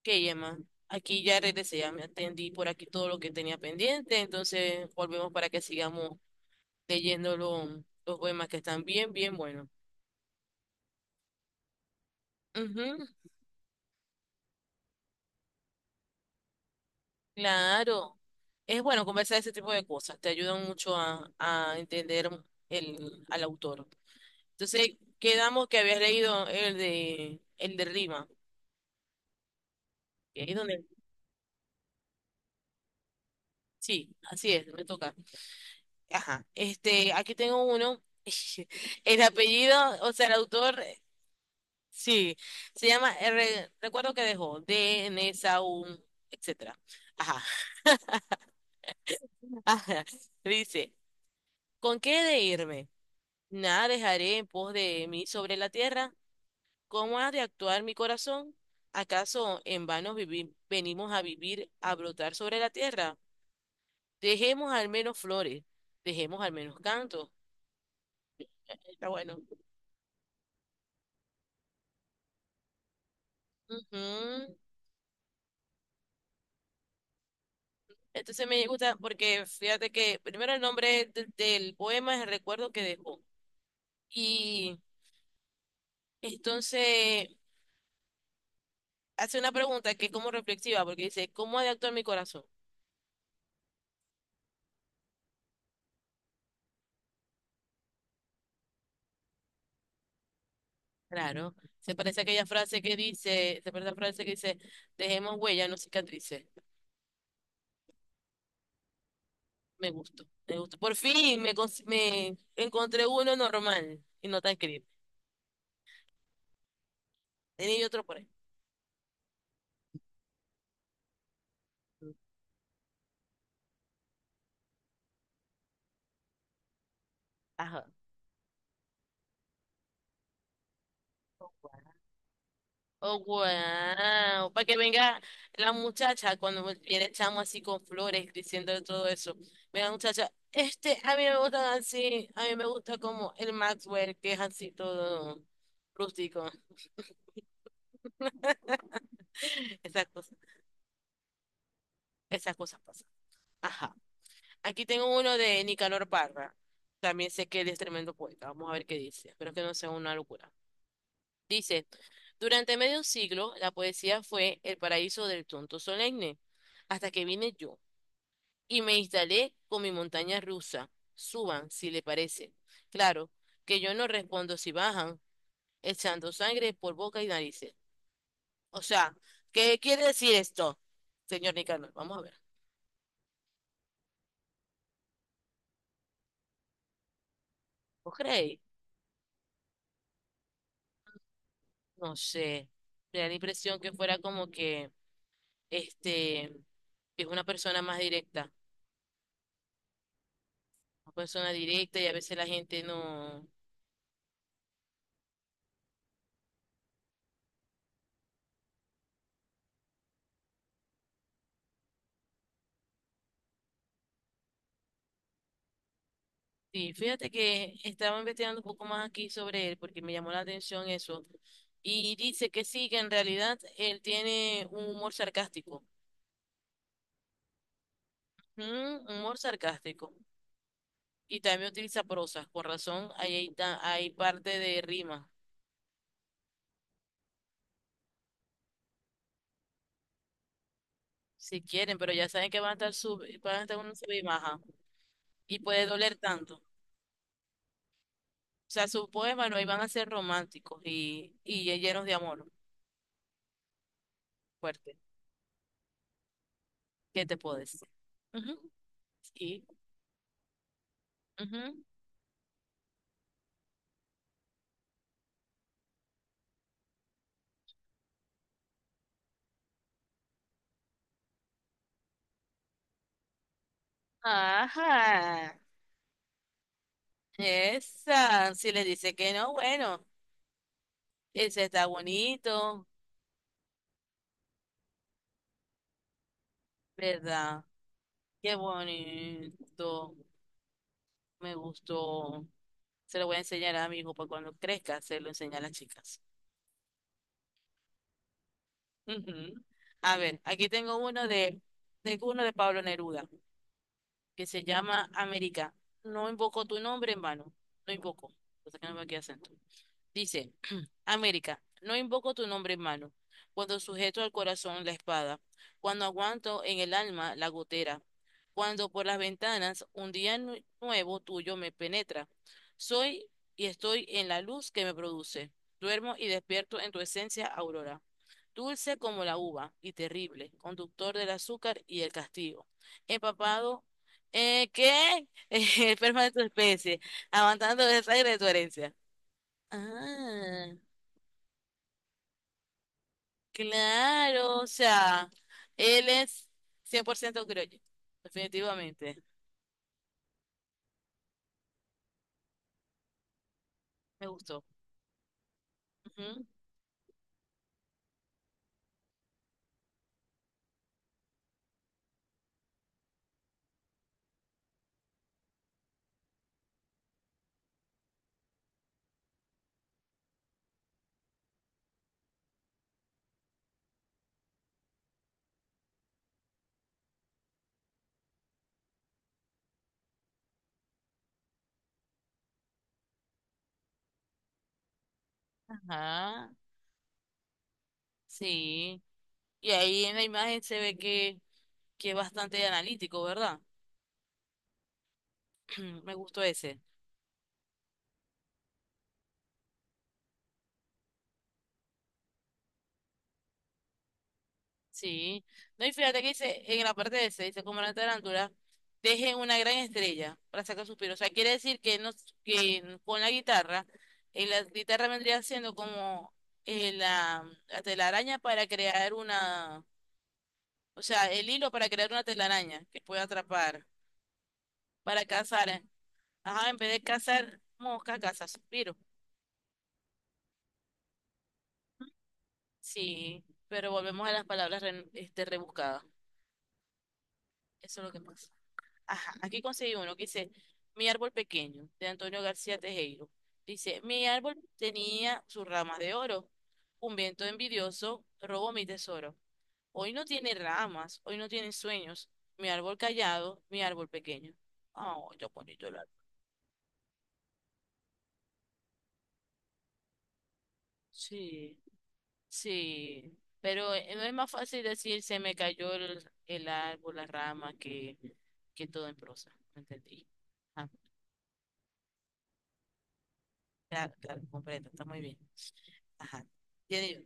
Ok, Emma, aquí ya regresé, ya me atendí por aquí todo lo que tenía pendiente, entonces volvemos para que sigamos leyendo los poemas que están bien, bien buenos. Ujú, claro, es bueno conversar ese tipo de cosas, te ayudan mucho a entender el, al autor. Entonces, quedamos que habías leído el de Rima, que ahí es donde, sí, así es, me toca. Ajá, aquí tengo uno, el apellido, o sea, el autor. Sí, se llama R, recuerdo que dejó DNSA, un, etcétera. Ajá, ajá. Dice, ¿con qué he de irme? Nada dejaré en pos de mí sobre la tierra. ¿Cómo ha de actuar mi corazón? ¿Acaso en vano venimos a vivir, a brotar sobre la tierra? Dejemos al menos flores, dejemos al menos canto. Está bueno. Ujú. Entonces me gusta porque fíjate que primero el nombre del poema es el recuerdo que dejó. Y entonces, hace una pregunta que es como reflexiva, porque dice, ¿cómo ha de actuar mi corazón? Claro, se parece a la frase que dice, dejemos huella, no cicatrices. Me gustó, me gustó. Por fin me, me encontré uno normal y no tan creíble. Tenía yo otro por ahí. Ajá. Oh, wow. Para que venga la muchacha cuando viene el chamo así con flores diciendo todo eso. Mira, la muchacha, a mí me gusta así, a mí me gusta como el Maxwell, que es así todo rústico. Esas cosas, esas cosas pasan. Ajá. Aquí tengo uno de Nicanor Parra. También sé que él es tremendo poeta. Vamos a ver qué dice. Espero que no sea una locura. Dice, durante medio siglo, la poesía fue el paraíso del tonto solemne, hasta que vine yo y me instalé con mi montaña rusa. Suban, si le parece. Claro, que yo no respondo si bajan, echando sangre por boca y narices. O sea, ¿qué quiere decir esto, señor Nicanor? Vamos a ver. ¿Vos creéis? No sé. Me da la impresión que fuera como que, este, que es una persona más directa. Una persona directa y a veces la gente no. Sí, fíjate que estaba investigando un poco más aquí sobre él porque me llamó la atención eso. Y dice que sí, que en realidad él tiene un humor sarcástico. Mm, humor sarcástico. Y también utiliza prosa. Con razón, ahí hay, hay parte de rima. Si quieren, pero ya saben que van a estar sub, van a estar una subimaja. Y baja. Y puede doler tanto. O sea, sus poemas no iban a ser románticos y llenos de amor fuerte. ¿Qué te puedo decir? Ujú. Sí. Ajá, esa, si le dice que no, bueno, ese está bonito, ¿verdad? Qué bonito, me gustó. Se lo voy a enseñar a mi hijo para cuando crezca, se lo enseña a las chicas. Ujú. A ver, aquí tengo uno de Pablo Neruda, que se llama América. No invoco tu nombre en vano, no invoco, o sea que no me queda acento. Dice, América, no invoco tu nombre en mano, cuando sujeto al corazón la espada, cuando aguanto en el alma la gotera, cuando por las ventanas un día nuevo tuyo me penetra. Soy y estoy en la luz que me produce. Duermo y despierto en tu esencia, aurora. Dulce como la uva y terrible, conductor del azúcar y el castigo. Empapado, ¿qué? enferma de tu especie, avanzando el aire de tu herencia. Ah, claro, o sea, él es 100% criollo, definitivamente. Me gustó. Ujú, ajá, sí. Y ahí en la imagen se ve que es bastante analítico, ¿verdad? Me gustó ese. Sí. No, y fíjate que dice, en la parte de ese, dice, como la tarántula, dejen una gran estrella para sacar suspiro. O sea, quiere decir que, no, que con la guitarra vendría siendo como la telaraña para crear una, o sea, el hilo para crear una telaraña que pueda atrapar, para cazar. Ajá, en vez de cazar moscas, caza suspiro. Sí, pero volvemos a las palabras rebuscadas. Eso es lo que pasa. Ajá, aquí conseguí uno que dice Mi árbol pequeño, de Antonio García Tejero. Dice, mi árbol tenía sus ramas de oro. Un viento envidioso robó mi tesoro. Hoy no tiene ramas, hoy no tiene sueños. Mi árbol callado, mi árbol pequeño. Oh, yo bonito el árbol. Sí, sí. Pero no es más fácil decir se me cayó el árbol, la rama, que todo en prosa. ¿Me entendí? Ah, claro, claro, comprendo, está muy bien. Ajá. Tiene,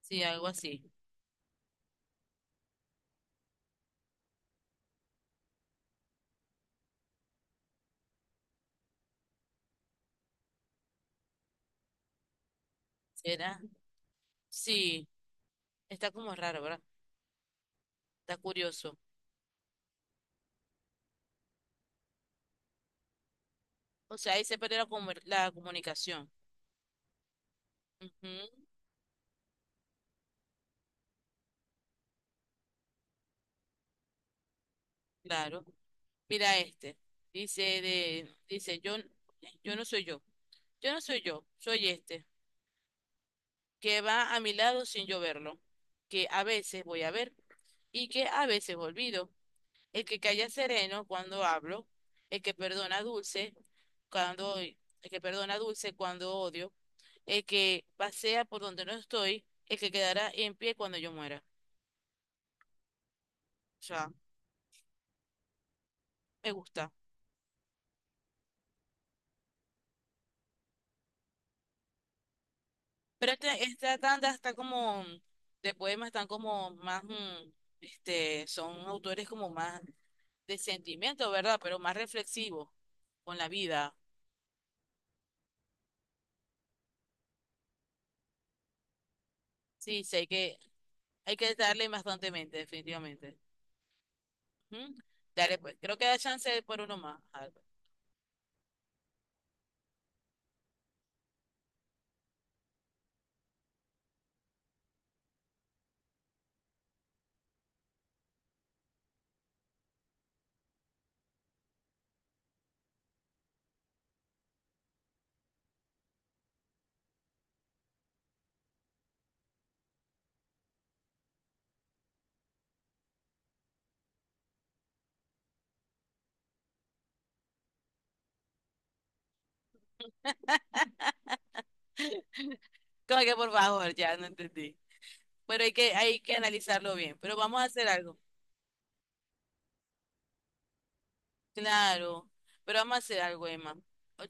sí, algo así. ¿Será? Sí, está como raro, ¿verdad? Está curioso. O sea, ahí se perdió la, la comunicación. Ujú, claro. Mira este. Dice de, dice, yo no soy yo. Yo no soy yo, soy este, que va a mi lado sin yo verlo, que a veces voy a ver y que a veces olvido, el que calla sereno cuando hablo, el que perdona dulce el que perdona dulce cuando odio, el que pasea por donde no estoy, el que quedará en pie cuando yo muera. O sea, me gusta. Pero esta tanda está como de poemas, están como más, mm, son autores como más de sentimiento, ¿verdad? Pero más reflexivos con la vida. Sí, sí, hay que darle bastantemente, definitivamente. Ujú. Dale, pues, creo que da chance por uno más. A como que por favor, ya no entendí. Pero hay que analizarlo bien. Pero vamos a hacer algo. Claro, pero vamos a hacer algo, Emma.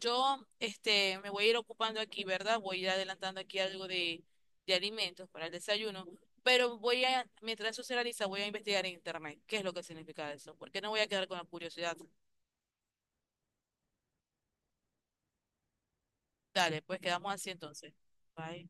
Yo, me voy a ir ocupando aquí, ¿verdad? Voy a ir adelantando aquí algo de alimentos para el desayuno. Pero voy a, mientras eso se realiza, voy a investigar en internet qué es lo que significa eso. Porque no voy a quedar con la curiosidad. Dale, pues quedamos así entonces. Bye.